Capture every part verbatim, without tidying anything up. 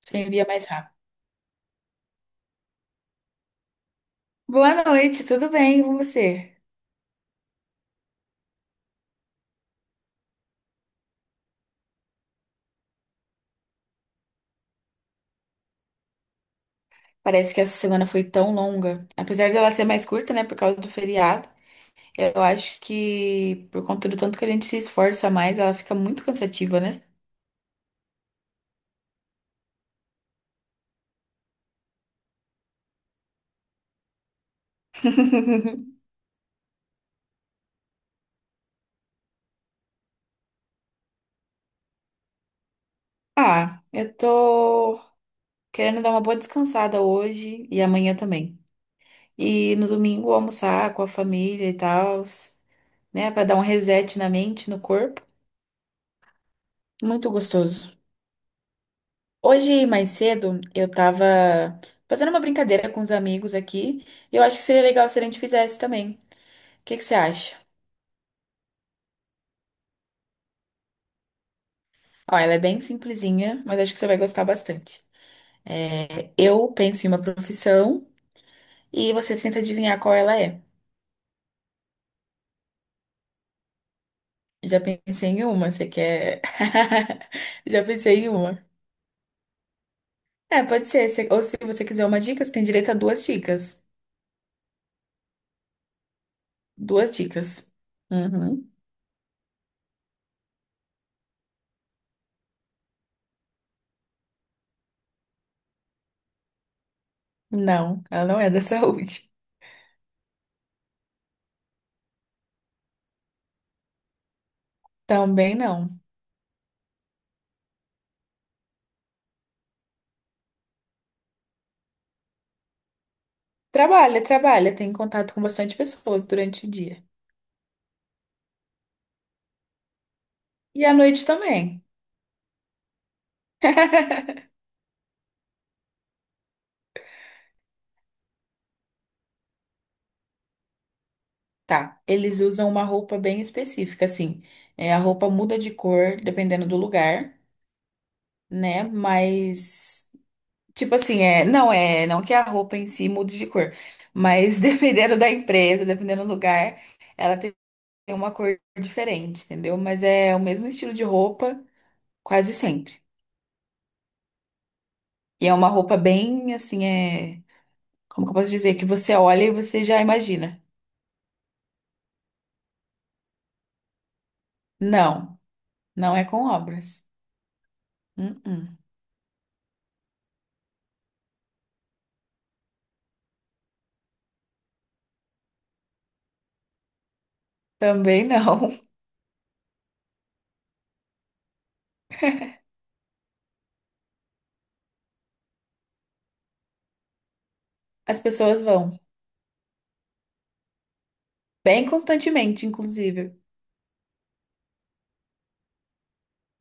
Você envia mais rápido. Boa noite, tudo bem com você? Parece que essa semana foi tão longa. Apesar dela ser mais curta, né, por causa do feriado, eu acho que por conta do tanto que a gente se esforça mais, ela fica muito cansativa, né? Ah, eu tô querendo dar uma boa descansada hoje e amanhã também. E no domingo almoçar com a família e tal, né, pra dar um reset na mente, no corpo. Muito gostoso. Hoje, mais cedo, eu tava fazendo uma brincadeira com os amigos aqui e eu acho que seria legal se a gente fizesse também. O que que você acha? Ó, ela é bem simplesinha, mas acho que você vai gostar bastante. É, eu penso em uma profissão e você tenta adivinhar qual ela é. Já pensei em uma, você quer? Já pensei em uma. É, pode ser. se- Ou se você quiser uma dica, você tem direito a duas dicas. Duas dicas. Uhum. Não, ela não é da saúde. Também não. Trabalha, trabalha, tem contato com bastante pessoas durante o dia. E à noite também. Tá, eles usam uma roupa bem específica, assim. É, a roupa muda de cor dependendo do lugar, né? Mas, tipo assim, é, não é, não que a roupa em si mude de cor, mas dependendo da empresa, dependendo do lugar, ela tem uma cor diferente, entendeu? Mas é o mesmo estilo de roupa quase sempre. E é uma roupa bem, assim, é. Como que eu posso dizer? Que você olha e você já imagina. Não, não é com obras. Uh-uh. Também não. As pessoas vão, bem constantemente, inclusive.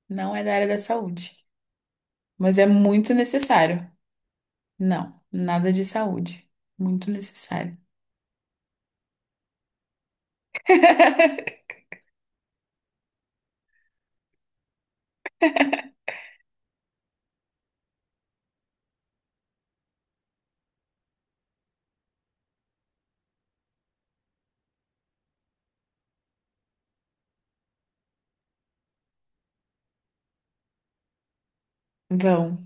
Não é da área da saúde, mas é muito necessário. Não, nada de saúde. Muito necessário. Vão.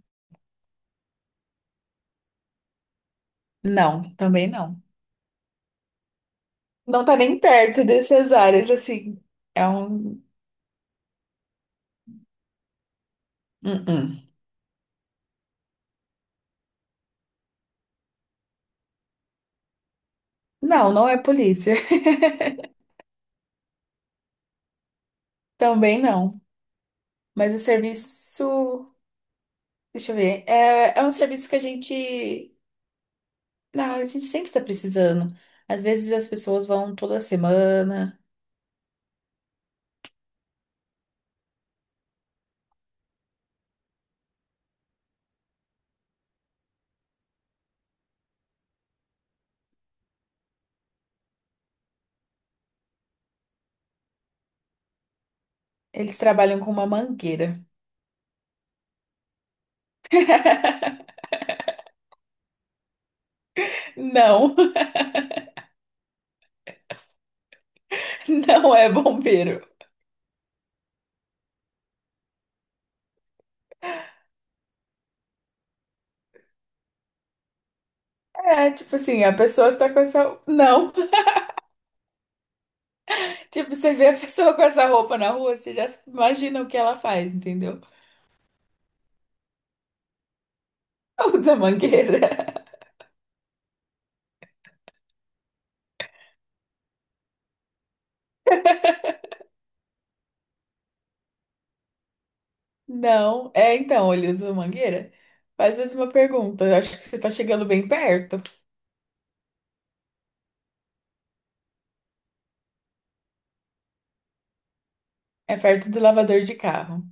Não, também não. Não tá nem perto dessas áreas, assim. É um. Uh-uh. Não, não é polícia. Também não. Mas o serviço. Deixa eu ver. É, é um serviço que a gente. Não, a gente sempre tá precisando. Às vezes as pessoas vão toda semana. Eles trabalham com uma mangueira. Não, não é bombeiro. É, tipo assim, a pessoa tá com essa. Não. Tipo, você vê a pessoa com essa roupa na rua, você já imagina o que ela faz, entendeu? Usa mangueira. Não. É, então, ele usa mangueira? Faz mais uma pergunta. Eu acho que você tá chegando bem perto. É perto do lavador de carro.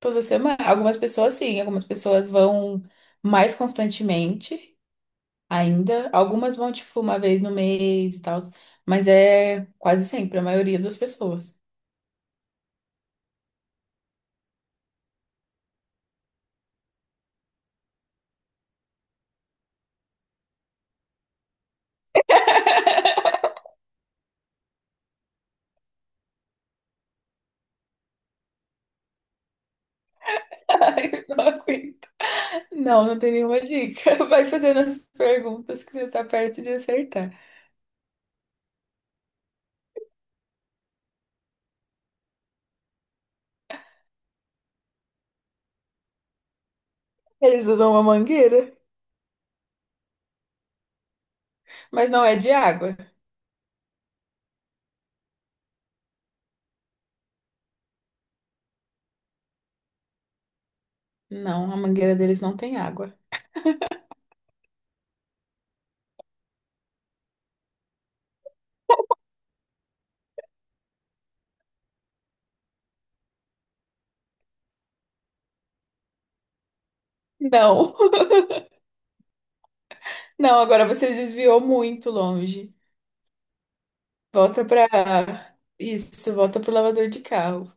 Toda semana. Algumas pessoas sim, algumas pessoas vão mais constantemente ainda. Algumas vão, tipo, uma vez no mês e tal. Mas é quase sempre, a maioria das pessoas. Ai, não aguento. Não, não tem nenhuma dica. Vai fazendo as perguntas que você tá perto de acertar. Eles usam uma mangueira, mas não é de água. Não, a mangueira deles não tem água. Não. Não, agora você desviou muito longe. Volta pra. Isso, volta pro lavador de carro.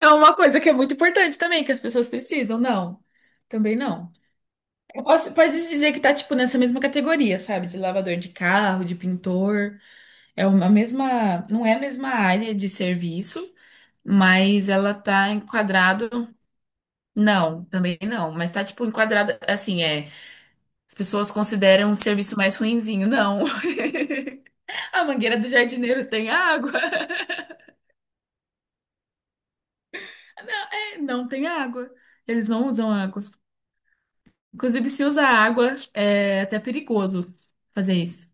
É uma coisa que é muito importante também, que as pessoas precisam, não. Também não. Eu posso- pode dizer que tá, tipo, nessa mesma categoria, sabe? De lavador de carro, de pintor. É uma mesma. Não é a mesma área de serviço, mas ela tá enquadrado. Não, também não. Mas tá, tipo, enquadrada. Assim, é. As pessoas consideram um serviço mais ruinzinho. Não. A mangueira do jardineiro tem água? Não, é, não tem água. Eles não usam água. Inclusive, se usa água, é até perigoso fazer isso,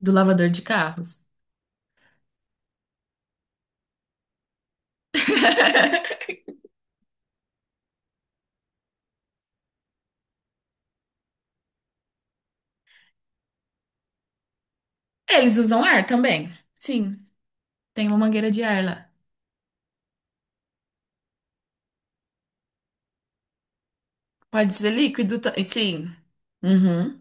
do lavador de carros. Eles usam ar também. Sim, tem uma mangueira de ar lá. Pode ser líquido, ta- sim. Uhum.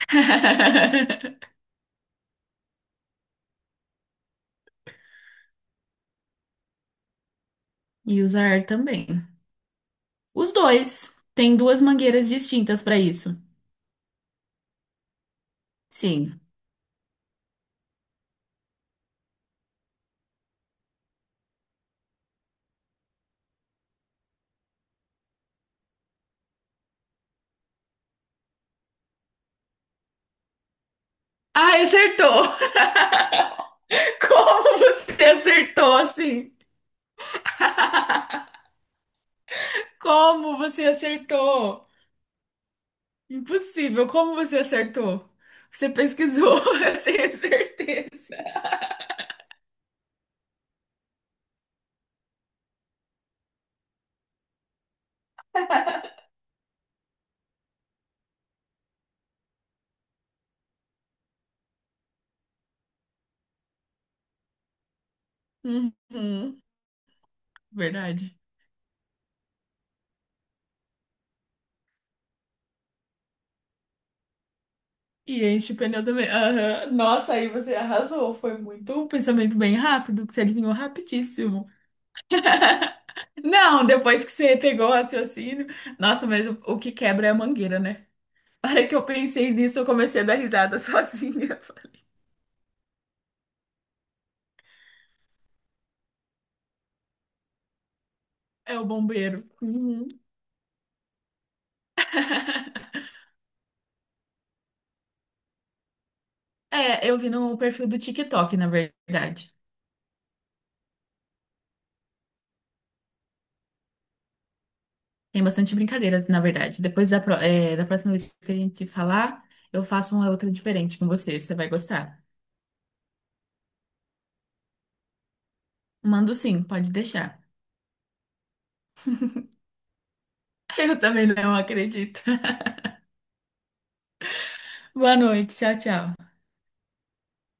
E usa ar também. Os dois. Tem duas mangueiras distintas para isso. Sim. Ah, acertou! Como você acertou assim? Como você acertou? Impossível. Como você acertou? Você pesquisou, eu tenho certeza. Uhum, verdade. E enche o pneu também. Aham. Nossa, aí você arrasou. Foi muito um pensamento bem rápido, que você adivinhou rapidíssimo. Não, depois que você pegou o raciocínio. Nossa, mas o, o que quebra é a mangueira, né? A hora que eu pensei nisso, eu comecei a dar risada sozinha. É o bombeiro. Uhum. É, eu vi no perfil do TikTok, na verdade. Tem bastante brincadeiras, na verdade. Depois da, pro- eh, Da próxima vez que a gente falar, eu faço uma outra diferente com você. Você vai gostar. Mando sim, pode deixar. Eu também não acredito. Boa noite. Tchau, tchau.